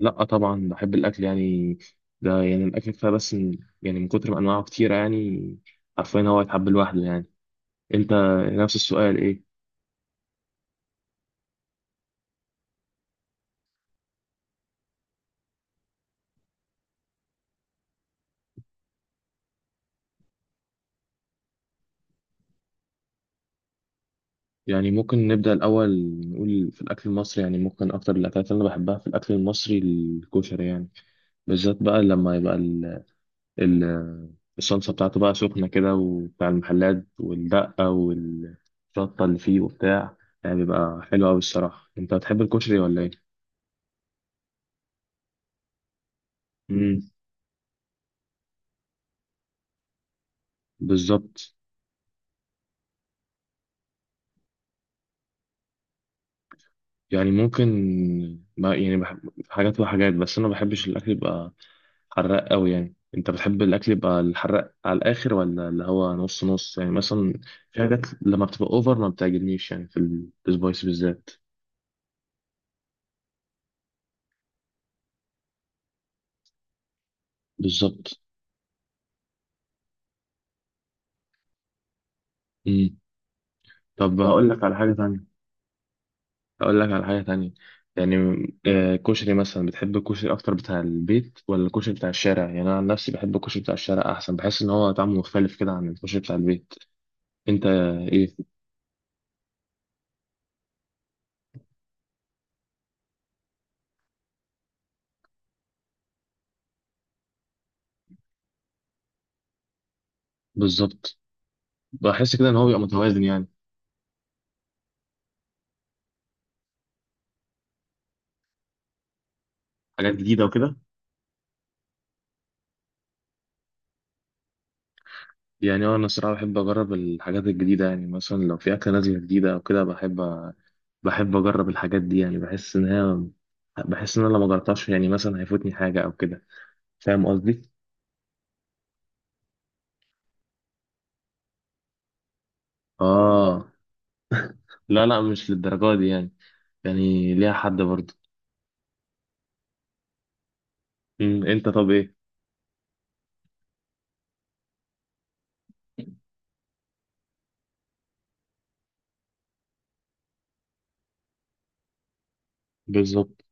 لا، طبعا بحب الاكل يعني. ده يعني الاكل كفايه يعني من كتر ما انواعه كتيره يعني. عارفين هو يتحب لوحده يعني. انت، نفس السؤال ايه؟ يعني ممكن نبدا الاول، نقول في الاكل المصري. يعني ممكن اكتر الاكلات اللي انا بحبها في الاكل المصري الكشري يعني، بالذات بقى لما يبقى ال الصلصه بتاعته بقى سخنه كده، وبتاع المحلات والدقه والشطه اللي فيه وبتاع، يعني بيبقى حلو قوي الصراحه. انت بتحب الكشري ولا ايه؟ امم بالظبط. يعني ممكن، ما يعني بحب حاجات وحاجات، بس انا ما بحبش الاكل يبقى حراق قوي. يعني انت بتحب الاكل يبقى الحراق على الاخر، ولا اللي هو نص نص يعني؟ مثلا في حاجات لما بتبقى اوفر ما بتعجبنيش، يعني في السبايس بالذات. بالظبط. امم طب هقول لك على حاجه تانية. هقول لك على حاجه تانية، يعني آه، كشري مثلا. بتحب الكشري اكتر بتاع البيت ولا الكشري بتاع الشارع؟ يعني انا عن نفسي بحب الكشري بتاع الشارع احسن، بحس ان هو طعمه مختلف كده عن الكشري بتاع البيت. انت ايه؟ بالظبط. بحس كده ان هو بيبقى متوازن يعني. حاجات جديده وكده، يعني انا الصراحه بحب اجرب الحاجات الجديده. يعني مثلا لو في اكله نازله جديده او كده، بحب بحب اجرب الحاجات دي. يعني بحس ان هي، بحس ان انا لو ما جربتهاش يعني مثلا هيفوتني حاجه او كده. فاهم قصدي؟ اه، لا مش للدرجه دي يعني، يعني ليها حد برضه. أمم، انت طب ايه؟ بالظبط.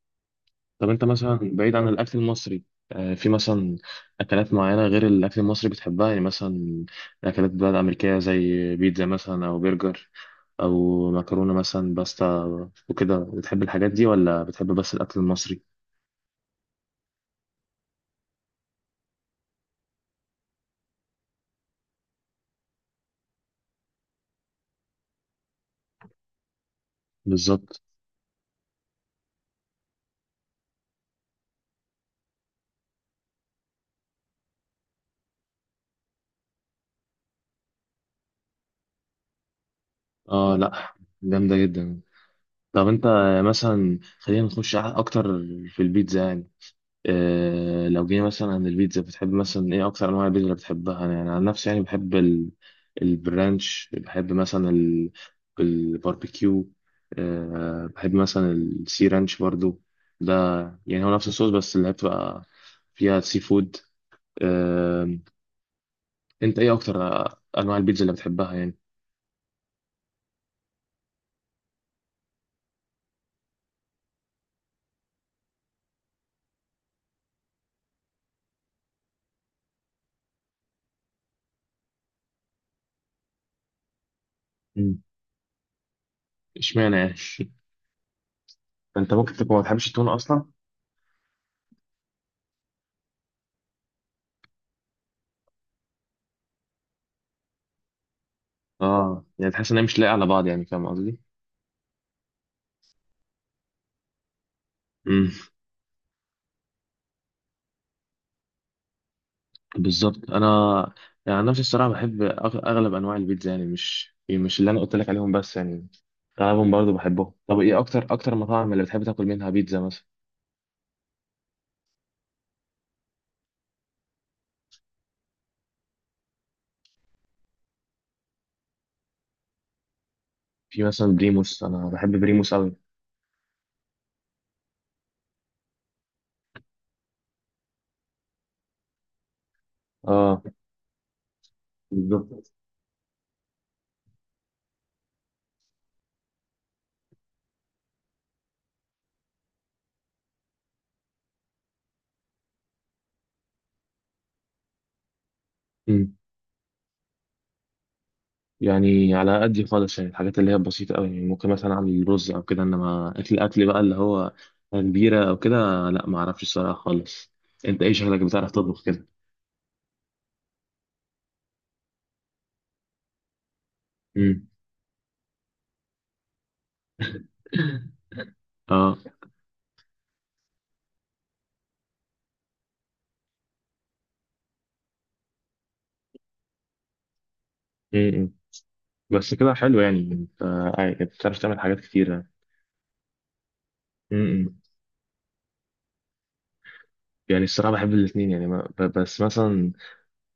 طب انت مثلا بعيد عن الاكل المصري، آه، في مثلا اكلات معينه غير الاكل المصري بتحبها؟ يعني مثلا اكلات بلاد امريكيه زي بيتزا مثلا، او برجر، او مكرونه مثلا باستا وكده، بتحب الحاجات دي ولا بتحب بس الاكل المصري؟ بالظبط. اه لا، جامده جدا. طب انت مثلا، خلينا نخش اكتر في البيتزا يعني. آه، لو جينا مثلا عن البيتزا، بتحب مثلا ايه اكتر انواع البيتزا اللي بتحبها؟ انا يعني عن نفسي يعني بحب ال... البرانش. بحب مثلا ال... الباربيكيو. أه بحب مثلا السي رانش برضو ده، يعني هو نفس الصوص، بس اللي هي بتبقى فيها سي فود. أه. انت ايه اكتر انواع البيتزا اللي بتحبها يعني؟ مم. اشمعنى يعني؟ انت ممكن تكون ما بتحبش التونه اصلا. اه، يعني تحس ان هي مش لايقه على بعض، يعني فاهم قصدي. بالظبط. انا يعني، أنا نفسي الصراحه بحب اغلب انواع البيتزا يعني، مش اللي انا قلت لك عليهم بس، يعني اغلبهم برضو بحبهم. طب ايه اكتر مطاعم اللي بتحب تاكل منها بيتزا مثلا؟ في مثلا بريموس، انا بحب بريموس قوي. اه. بالظبط. أمم. يعني على قدي خالص، يعني الحاجات اللي هي بسيطه قوي. يعني ممكن مثلا اعمل رز او كده، انما اكل بقى اللي هو كبيره او كده، لا ما اعرفش الصراحه خالص. انت ايه شغلك؟ بتعرف تطبخ كده؟ امم اه بس كده حلو يعني. انت بتعرف تعمل حاجات كتيرة. م- م. يعني الصراحة بحب الاتنين يعني، ما ب- بس مثلا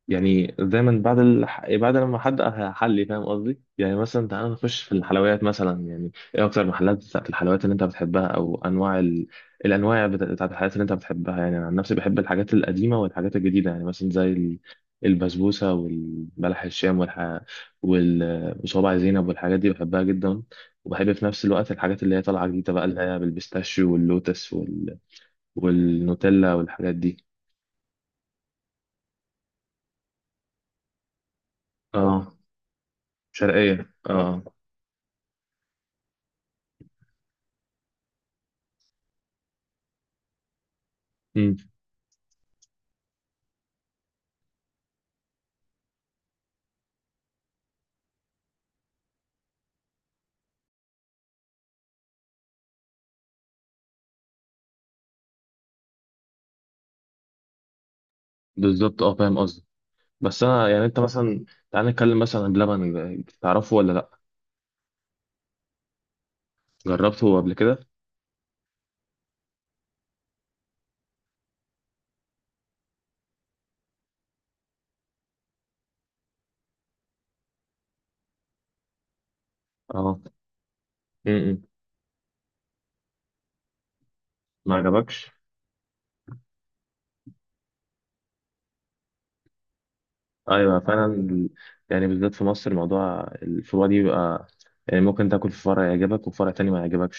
يعني دايما بعد لما حد حلي. فاهم قصدي؟ يعني مثلا تعالى نخش في الحلويات مثلا. يعني ايه اكتر محلات بتاعت الحلويات اللي انت بتحبها، او انواع ال... بتاعت الحلويات اللي انت بتحبها؟ يعني انا عن نفسي بحب الحاجات القديمه والحاجات الجديده، يعني مثلا زي البسبوسه والبلح الشام وصوابع زينب والحاجات دي، بحبها جدا. وبحب في نفس الوقت الحاجات اللي هي طالعه جديده بقى، اللي هي بالبيستاشيو واللوتس وال... والنوتيلا والحاجات دي. اه شرقيه، اه. بالظبط، اه فاهم قصدي. بس انا يعني، انت مثلا، تعال نتكلم مثلا عن بلبن. تعرفه ولا لا؟ جربته قبل كده؟ اه. امم ما عجبكش. ايوه فعلا يعني بالذات في مصر موضوع الفروع دي بيبقى، يعني ممكن تاكل في فرع يعجبك وفرع تاني ما يعجبك.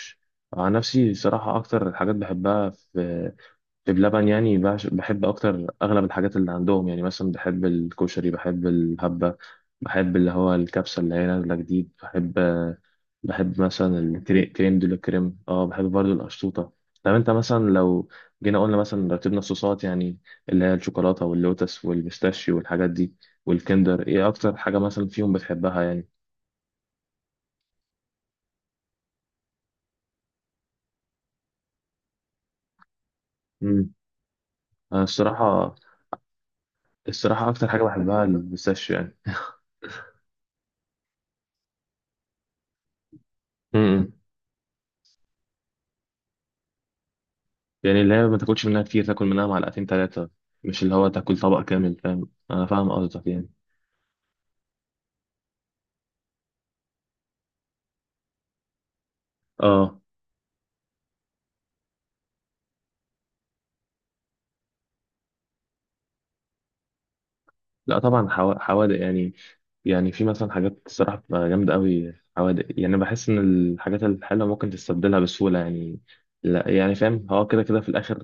عن نفسي بصراحة أكتر الحاجات بحبها في بلبن، يعني بحب اكتر اغلب الحاجات اللي عندهم. يعني مثلا بحب الكشري، بحب الهبة، بحب اللي هو الكبسة اللي هي نازلة جديد. بحب مثلا الكريم دول، الكريم، اه. بحب برضو القشطوطة. طب انت مثلا لو جينا قلنا مثلا رتبنا الصوصات يعني، اللي هي الشوكولاتة واللوتس والبيستاشيو والحاجات دي والكندر، ايه اكتر حاجة مثلا فيهم بتحبها يعني؟ مم. انا الصراحة، الصراحة اكتر حاجة بحبها البيستاشيو يعني. م- م. يعني اللي هي ما تاكلش منها كتير، تاكل منها معلقتين ثلاثة، مش اللي هو تاكل طبق كامل. فاهم؟ انا فاهم قصدك يعني. اه لا طبعا، حوادق يعني. يعني في مثلا حاجات الصراحة بتبقى جامدة قوي حوادق، يعني بحس ان الحاجات الحلوة ممكن تستبدلها بسهولة. يعني لا يعني فاهم، هو كده كده في الاخر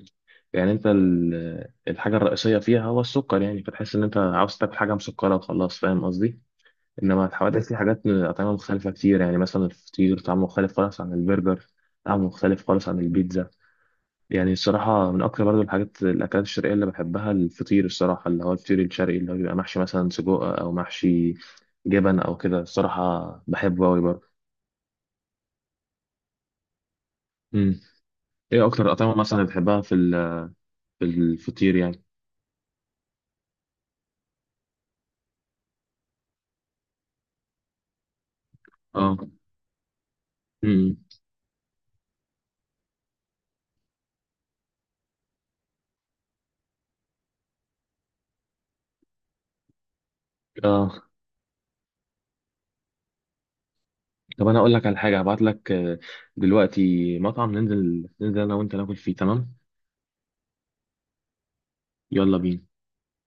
يعني انت الحاجة الرئيسية فيها هو السكر، يعني فتحس ان انت عاوز تاكل حاجة مسكرة وخلاص، فاهم قصدي. انما الحوادث في حاجات اطعمه مختلفه كتير. يعني مثلا الفطير طعمه مختلف خالص عن البرجر، طعمه مختلف خالص عن البيتزا. يعني الصراحه من اكتر برضو الحاجات، الاكلات الشرقيه اللي بحبها الفطير الصراحه، اللي هو الفطير الشرقي اللي هو بيبقى محشي مثلا سجق، او محشي جبن او كده، الصراحه بحبه قوي برضه. امم ايه اكتر اطعمه مثلا بتحبها في في الفطير يعني؟ اه. امم. اه. طب انا اقول لك على حاجه، هبعت لك آه، دلوقتي مطعم ننزل. ننزل انا وانت ناكل فيه، تمام؟ يلا بينا.